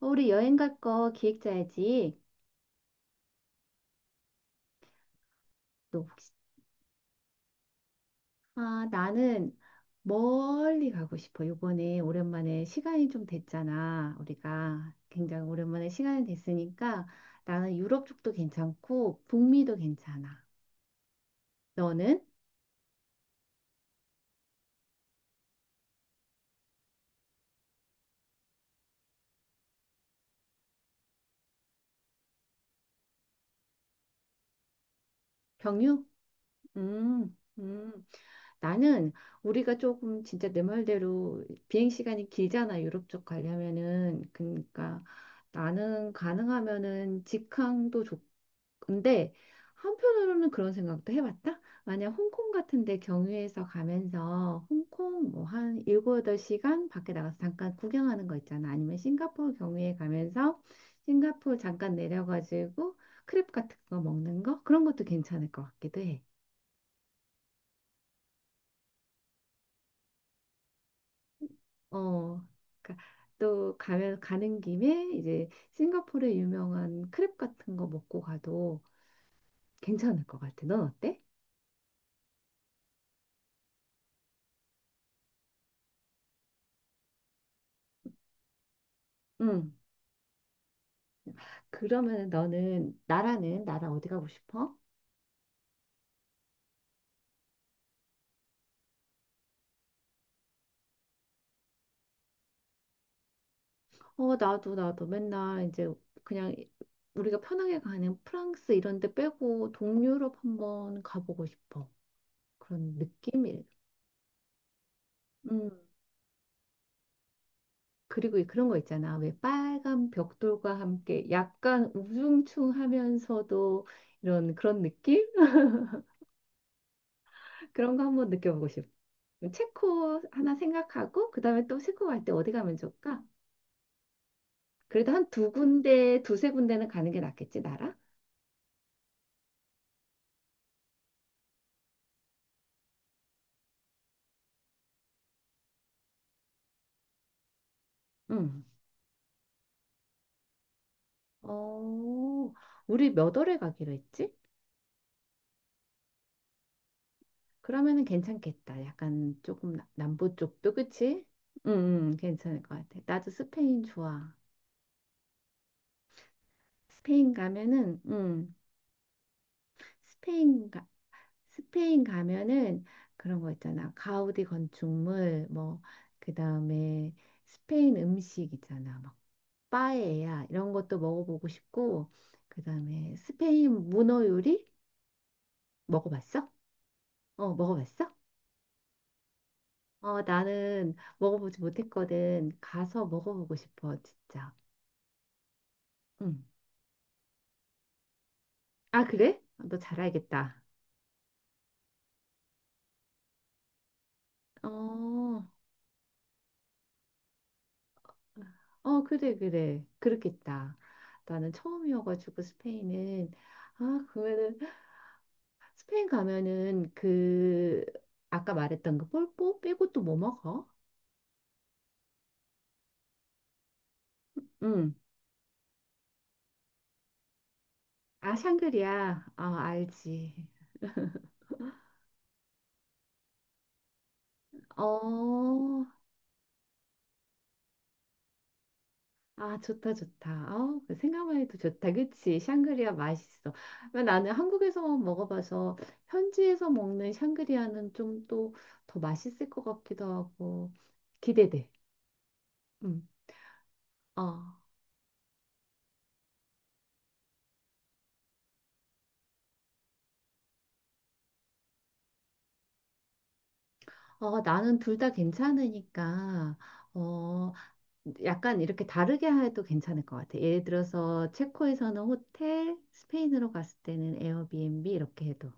우리 여행 갈거 기획 짜야지. 또 혹시, 아, 나는 멀리 가고 싶어. 요번에 오랜만에 시간이 좀 됐잖아. 우리가 굉장히 오랜만에 시간이 됐으니까 나는 유럽 쪽도 괜찮고 북미도 괜찮아. 너는? 경유? 음, 음. 나는 우리가 조금 진짜 내 말대로 비행 시간이 길잖아. 유럽 쪽 가려면은. 그러니까 나는 가능하면은 직항도 좋고 근데 한편으로는 그런 생각도 해봤다. 만약 홍콩 같은 데 경유해서 가면서 홍콩 뭐 한 7, 8시간 밖에 나가서 잠깐 구경하는 거 있잖아. 아니면 싱가포르 경유해 가면서 싱가포르 잠깐 내려가지고 크랩 같은 거 먹는 거? 그런 것도 괜찮을 것 같기도 해. 어. 그러니까 또 가면 가는 김에 이제 싱가포르의 유명한 크랩 같은 거 먹고 가도 괜찮을 것 같아. 넌 어때? 응. 그러면은 너는 나라는 나라 어디 가고 싶어? 어 나도 맨날 이제 그냥 우리가 편하게 가는 프랑스 이런 데 빼고 동유럽 한번 가보고 싶어. 그런 느낌이. 음. 그리고 그런 거 있잖아. 왜 빨간 벽돌과 함께 약간 우중충하면서도 이런 그런 느낌? 그런 거 한번 느껴보고 싶어. 체코 하나 생각하고 그다음에 또 체코 갈 때 어디 가면 좋을까? 그래도 한 두 군데, 두세 군데는 가는 게 낫겠지, 나라? 응. 어, 우리 몇 월에 가기로 했지? 그러면은 괜찮겠다. 약간 조금 남부 쪽도 그치? 응, 응, 괜찮을 것 같아. 나도 스페인 좋아. 스페인 가면은, 응, 스페인 가, 스페인 가면은 그런 거 있잖아. 가우디 건축물, 뭐, 그 다음에 스페인 음식 있잖아. 막, 빠에야, 이런 것도 먹어보고 싶고, 그 다음에 스페인 문어 요리? 먹어봤어? 어, 먹어봤어? 어, 나는 먹어보지 못했거든. 가서 먹어보고 싶어, 진짜. 응. 아, 그래? 아, 너잘 알겠다. 어, 어, 그래, 그래. 그렇겠다. 나는 처음이어가지고 스페인은, 아, 그러면은, 스페인 가면은 그, 아까 말했던 그 폴포 빼고 또 뭐 먹어? 응. 아, 샹그리아. 아, 알지. 어, 아, 좋다, 좋다. 어, 그 생각만 해도 좋다. 그치? 샹그리아 맛있어. 나는 한국에서 먹어봐서 현지에서 먹는 샹그리아는 좀 또 더 맛있을 것 같기도 하고 기대돼. 음. 어. 어, 나는 둘 다 괜찮으니까 어, 약간 이렇게 다르게 해도 괜찮을 것 같아. 예를 들어서 체코에서는 호텔, 스페인으로 갔을 때는 에어비앤비 이렇게 해도.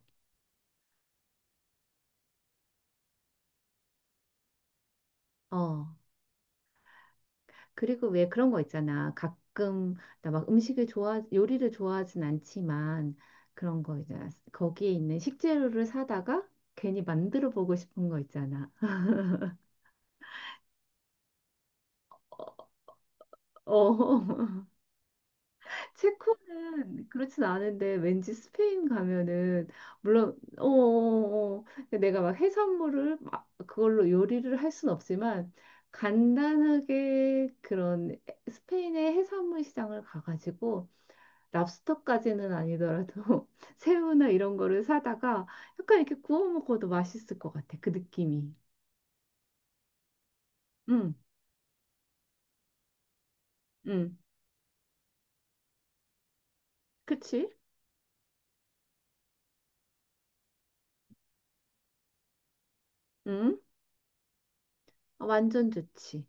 어. 그리고 왜 그런 거 있잖아. 가끔 나 막 음식을 좋아, 요리를 좋아하진 않지만 그런 거 있잖아. 거기에 있는 식재료를 사다가 괜히 만들어 보고 싶은 거 있잖아. 어, 체코는 그렇진 않은데 왠지 스페인 가면은 물론 근데 내가 막 해산물을 막 그걸로 요리를 할 순 없지만 간단하게 그런 스페인의 해산물 시장을 가가지고 랍스터까지는 아니더라도 새우나 이런 거를 사다가 약간 이렇게 구워 먹어도 맛있을 것 같아. 그 느낌이. 응, 응. 그치? 응? 어, 완전 좋지.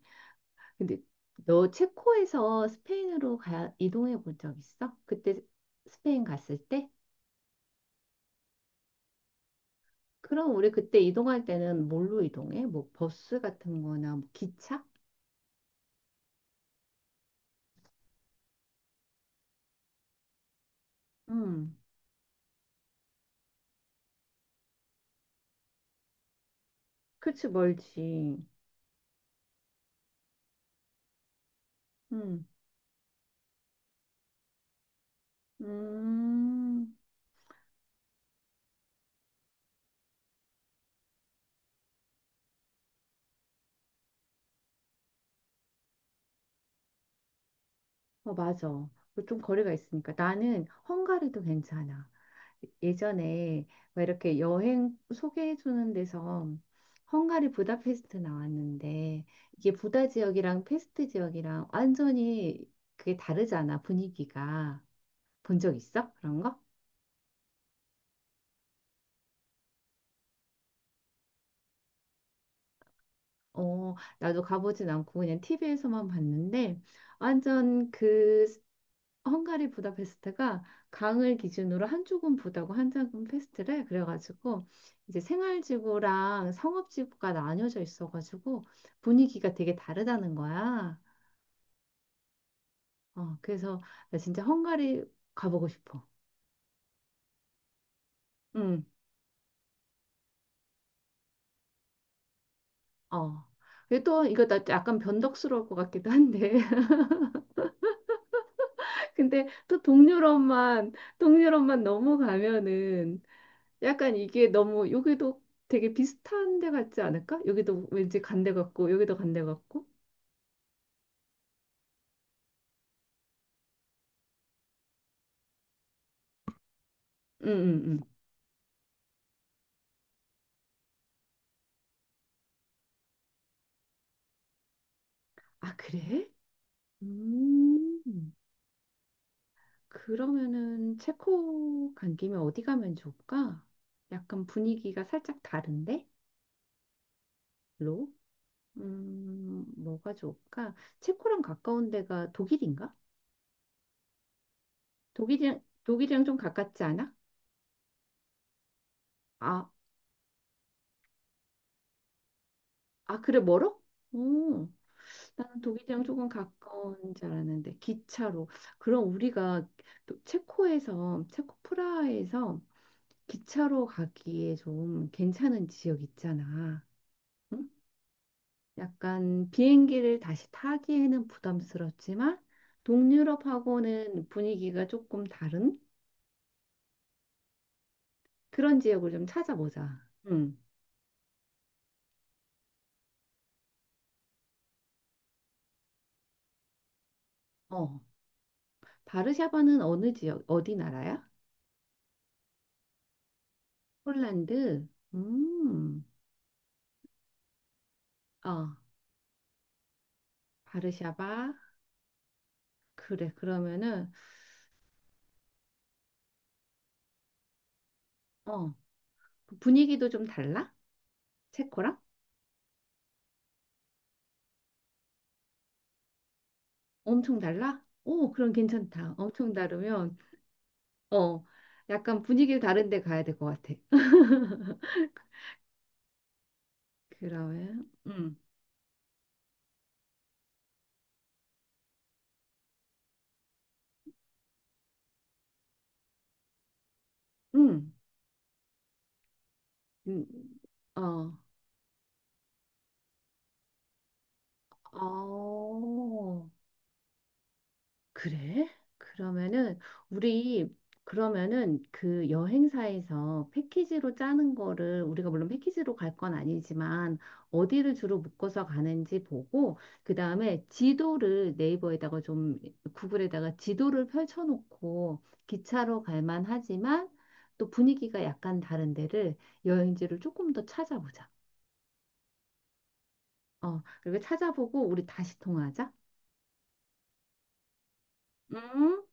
근데 너 체코에서 스페인으로 이동해 본 적 있어? 그때 스페인 갔을 때? 그럼 우리 그때 이동할 때는 뭘로 이동해? 뭐 버스 같은 거나 뭐 기차? 응. 그치, 멀지. 응. 음. 어, 맞아. 그리고 좀 거리가 있으니까. 나는 헝가리도 괜찮아. 예전에 왜 이렇게 여행 소개해주는 데서 헝가리 부다페스트 나왔는데 이게 부다 지역이랑 페스트 지역이랑 완전히 그게 다르잖아, 분위기가. 본 적 있어? 그런 거? 어, 나도 가보진 않고 그냥 TV에서만 봤는데 완전 그 헝가리 부다페스트가 강을 기준으로 한쪽은 부다고 한쪽은 페스트래. 그래가지고 이제 생활지구랑 상업지구가 나뉘어져 있어가지고 분위기가 되게 다르다는 거야. 어, 그래서 나 진짜 헝가리 가보고 싶어. 응, 어. 근데 또 이거 나 약간 변덕스러울 것 같기도 한데. 근데 또 동유럽만 넘어가면은 약간 이게 너무 여기도 되게 비슷한 데 같지 않을까? 여기도 왠지 간데 같고 여기도 간데 같고 음, 음, 음. 아, 그래? 음, 그러면은 체코 간 김에 어디 가면 좋을까? 약간 분위기가 살짝 다른데? 로? 뭐가 좋을까? 체코랑 가까운 데가 독일인가? 독일이랑 좀 가깝지 않아? 아, 아, 그래, 멀어? 오, 나는 독일이랑 조금 가까운 줄 알았는데, 기차로. 그럼 우리가 또 체코 프라하에서 기차로 가기에 좀 괜찮은 지역 있잖아. 응? 약간 비행기를 다시 타기에는 부담스럽지만 동유럽하고는 분위기가 조금 다른 그런 지역을 좀 찾아보자. 응. 어. 바르샤바는 어느 지역, 어디 나라야? 폴란드. 음. 어. 바르샤바. 그래. 그러면은 어. 분위기도 좀 달라? 체코랑? 엄청 달라? 오, 그럼 괜찮다. 엄청 다르면 어, 약간 분위기를 다른 데 가야 될 것 같아. 그러면, 음, 음, 어, 어, 그래? 그러면은 우리 그러면은 그 여행사에서 패키지로 짜는 거를 우리가 물론 패키지로 갈 건 아니지만 어디를 주로 묶어서 가는지 보고 그다음에 지도를 네이버에다가 좀 구글에다가 지도를 펼쳐놓고 기차로 갈 만하지만 또 분위기가 약간 다른 데를 여행지를 조금 더 찾아보자. 어, 그리고 찾아보고 우리 다시 통화하자. 음.